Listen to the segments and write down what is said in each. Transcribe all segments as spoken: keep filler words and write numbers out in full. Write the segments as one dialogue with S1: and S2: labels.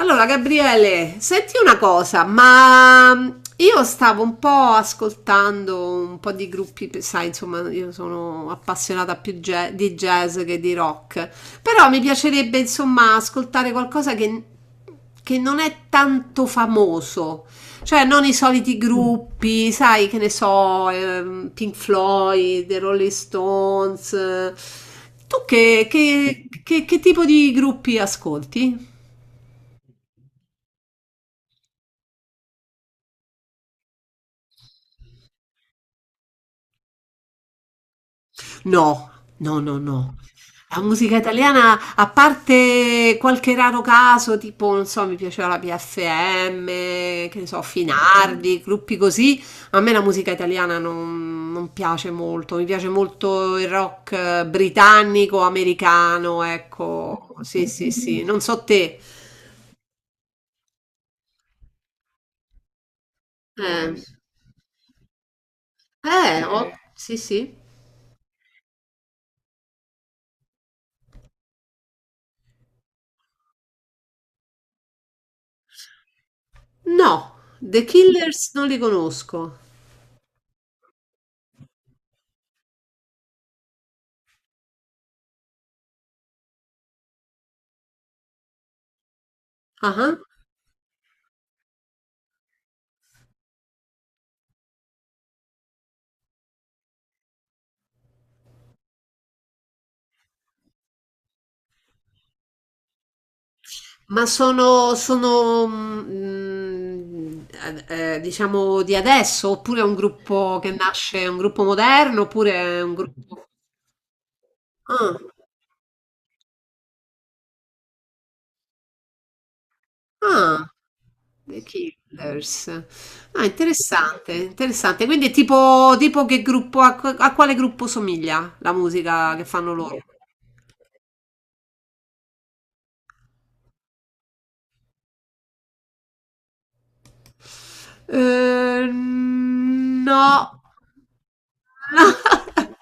S1: Allora, Gabriele, senti una cosa, ma io stavo un po' ascoltando un po' di gruppi, sai, insomma, io sono appassionata più ge- di jazz che di rock, però mi piacerebbe, insomma, ascoltare qualcosa che, che non è tanto famoso, cioè non i soliti gruppi, sai, che ne so, ehm, Pink Floyd, The Rolling Stones. Eh. Tu che che- che- che tipo di gruppi ascolti? No, no, no, no. La musica italiana, a parte qualche raro caso, tipo, non so, mi piaceva la P F M, che ne so, Finardi, gruppi così, a me la musica italiana non, non piace molto, mi piace molto il rock eh, britannico, americano, ecco, sì, sì, sì, non so te. Eh, eh, ho- sì, sì. No, The Killers non li conosco. Ah ah. Ma sono, sono mm, eh, eh, diciamo di adesso, oppure è un gruppo che nasce, è un gruppo moderno, oppure è un gruppo... Ah, ah, The Killers. Ah, interessante, interessante. Quindi è tipo, tipo che gruppo, a, a quale gruppo somiglia la musica che fanno loro? Eh, no.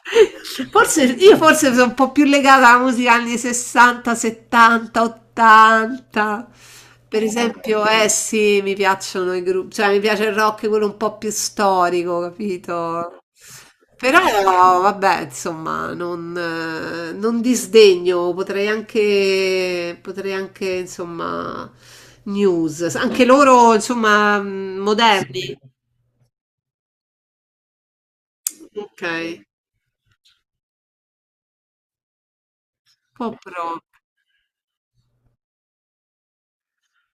S1: Forse io forse sono un po' più legata alla musica anni sessanta, settanta, ottanta. Per esempio, eh sì, mi piacciono i gruppi, cioè mi piace il rock quello un po' più storico, capito? Però vabbè, insomma, non, eh, non disdegno, potrei anche, potrei anche, insomma, news. Anche loro, insomma, mh, moderni. Ok, pop rock.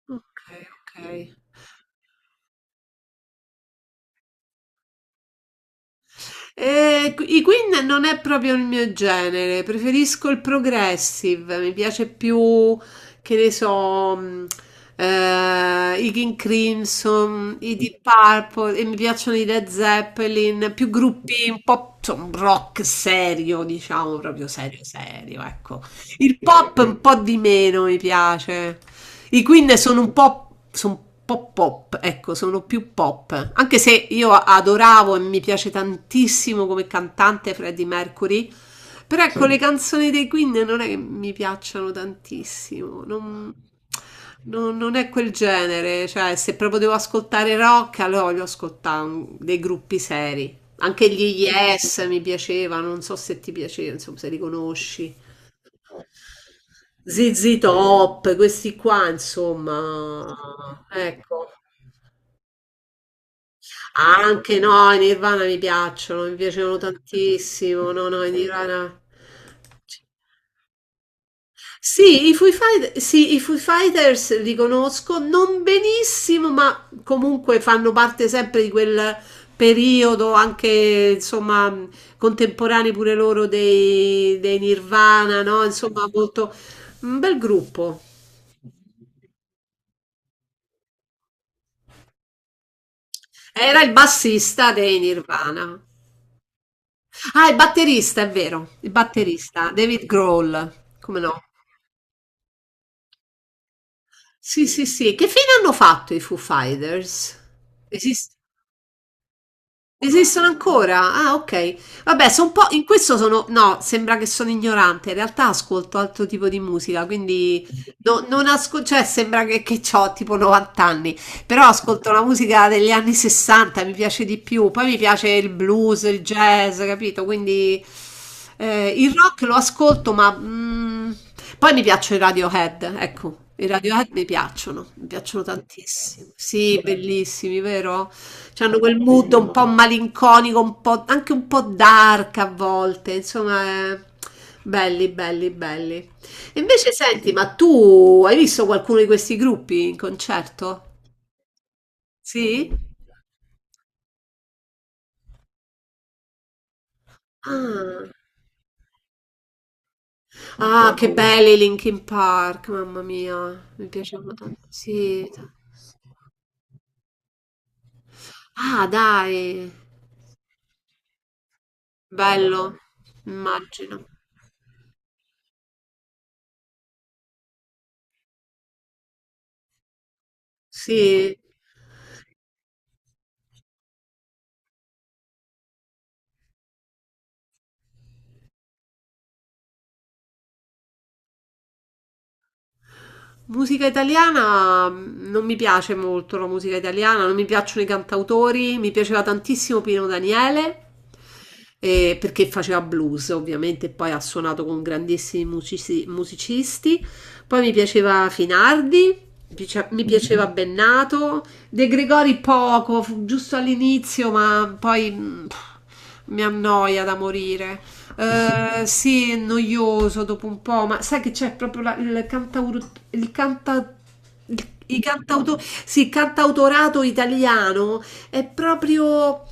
S1: Ok, ok. Eh, i Queen non è proprio il mio genere, preferisco il progressive, mi piace più, che ne so, mh, eh, i King Crimson, i Deep Purple, e mi piacciono i Led Zeppelin, più gruppi un po' insomma, rock serio, diciamo, proprio serio serio, ecco. Il pop un po' di meno mi piace. I Queen sono un po', sono un po' pop, ecco, sono più pop. Anche se io adoravo e mi piace tantissimo come cantante Freddie Mercury, però ecco, sì, le canzoni dei Queen non è che mi piacciono tantissimo, non, non- non è quel genere, cioè se proprio devo ascoltare rock, allora voglio ascoltare un- dei gruppi seri. Anche gli Yes mi piacevano, non so se ti piaceva, insomma, se li conosci. zeta zeta Top, questi qua, insomma, ecco. Anche no, i Nirvana mi piacciono, mi piacevano tantissimo. No, no, i Nirvana. Sì, i Foo Fight- sì, i Foo Fighters li conosco non benissimo, ma comunque fanno parte sempre di quel periodo anche, insomma, contemporanei pure loro dei, dei Nirvana, no? Insomma, molto un bel gruppo. Era il bassista dei Nirvana. Ah, il batterista, è vero, il batterista, David Grohl, come no? Sì, sì, sì. Che fine hanno fatto i Foo Fighters? Esiste? Esistono ancora? Ah, ok. Vabbè, sono un po'. In questo sono. No, sembra che sono ignorante. In realtà ascolto altro tipo di musica, quindi no- non ascolto. Cioè, sembra che, che ho tipo novanta anni. Però ascolto la musica degli anni sessanta, mi piace di più. Poi mi piace il blues, il jazz, capito? Quindi eh, il rock lo ascolto, ma mm, poi mi piacciono i Radiohead, ecco. I Radiohead mi piacciono, mi piacciono tantissimo. Sì, bellissimi, vero? C'hanno quel mood un po' malinconico, un po', anche un po' dark a volte, insomma, eh, belli, belli, belli. E invece senti, ma tu hai visto qualcuno di questi gruppi in concerto? Sì? Ah, ah, che belli i Linkin Park, mamma mia, mi piacevano tanto. Sì. Ah, dai, bello, immagino. Sì. Musica italiana mh, non mi piace molto la musica italiana, non mi piacciono i cantautori, mi piaceva tantissimo Pino Daniele, eh, perché faceva blues ovviamente, e poi ha suonato con grandissimi musici- musicisti, poi mi piaceva Finardi, mi piace- mi piaceva Bennato, De Gregori poco, fu giusto all'inizio, ma poi mh, mi annoia da morire. Eh, sì, è noioso dopo un po', ma sai che c'è proprio la- il cantauro, il canta, il, i cantauto- sì, il cantautorato italiano è proprio,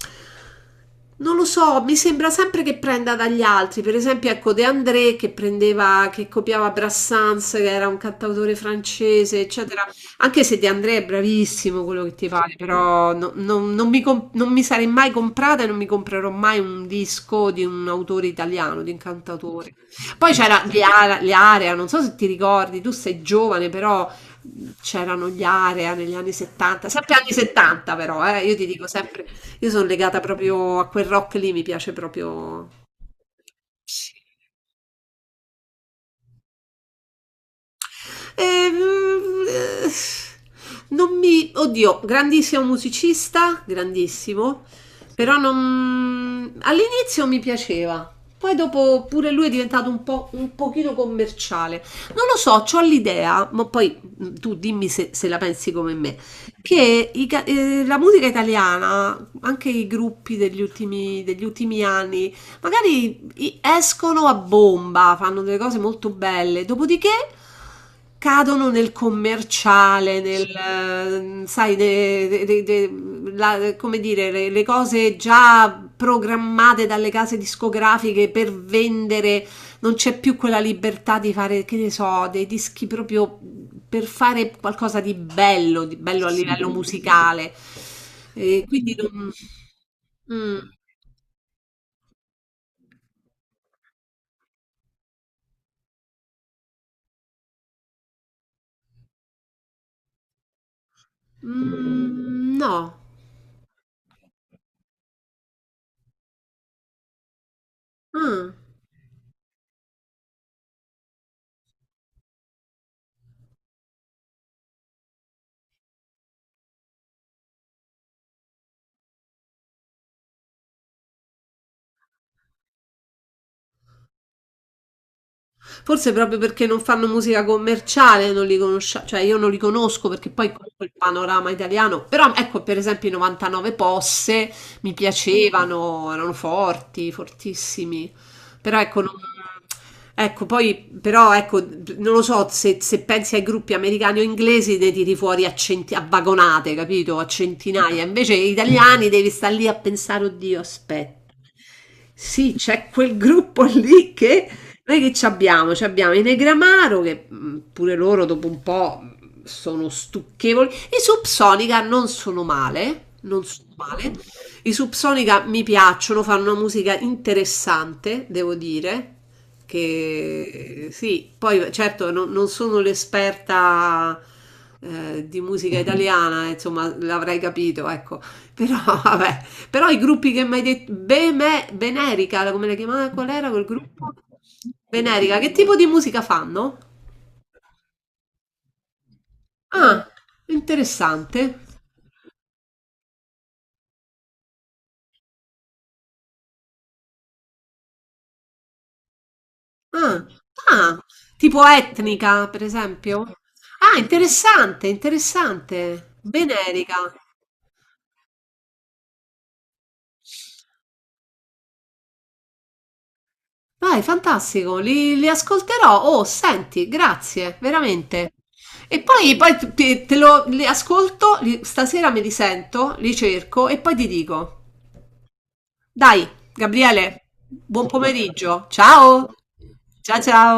S1: non lo so, mi sembra sempre che prenda dagli altri. Per esempio, ecco, De André che prendeva, che copiava Brassens, che era un cantautore francese, eccetera. Anche se De André è bravissimo quello che ti pare, però no- non, non mi comp- non mi sarei mai comprata e non mi comprerò mai un disco di un autore italiano, di un cantautore. Poi c'era gli, Ara- gli Area, non so se ti ricordi, tu sei giovane, però c'erano gli Area negli anni settanta, sempre anni settanta però, eh, io ti dico sempre, io sono legata proprio a quel rock lì, mi piace proprio. Eh, eh, non mi... Oddio, grandissimo musicista, grandissimo, però non... All'inizio mi piaceva, poi dopo pure lui è diventato un po' un pochino commerciale. Non lo so, ho l'idea, ma poi mh, tu dimmi se, se la pensi come me, che i ca- eh, la musica italiana, anche i gruppi degli ultimi, degli ultimi anni, magari i- escono a bomba, fanno delle cose molto belle, dopodiché cadono nel commerciale, nel, eh, sai, de- de- de- de- la- come dire, le, le cose già programmate dalle case discografiche per vendere, non c'è più quella libertà di fare, che ne so, dei dischi proprio per fare qualcosa di bello, di bello a livello musicale. E quindi non... Mm, mm, no. Ah. Forse proprio perché non fanno musica commerciale, non li conosciamo, cioè io non li conosco perché poi conosco il panorama italiano, però ecco per esempio i novantanove Posse mi piacevano, erano forti, fortissimi, però ecco, non- ecco, poi però ecco, non lo so se, se pensi ai gruppi americani o inglesi ne tiri fuori a, centi- a vagonate, capito? A centinaia, invece gli italiani devi stare lì a pensare, oddio, aspetta. Sì, c'è quel gruppo lì che noi che ci abbiamo? Ci abbiamo i Negramaro che mh, pure loro dopo un po' mh, sono stucchevoli. I Subsonica non sono male, non sono male. I Subsonica mi piacciono, fanno una musica interessante, devo dire. Che sì, poi certo non, non sono l'esperta eh, di musica italiana, insomma, l'avrei capito, ecco. Però vabbè, però i gruppi che mi hai detto, Beme- Benerica, come la chiamava? Qual era quel gruppo? Venerica, che tipo di musica fanno? Ah, interessante. Ah, ah, tipo etnica, per esempio? Ah, interessante, interessante. Venerica. Vai, fantastico, li, li ascolterò. Oh, senti, grazie, veramente. E poi, poi te, te lo, li ascolto, li- stasera me li sento, li cerco e poi ti dico. Dai, Gabriele, buon pomeriggio. Ciao. Ciao ciao.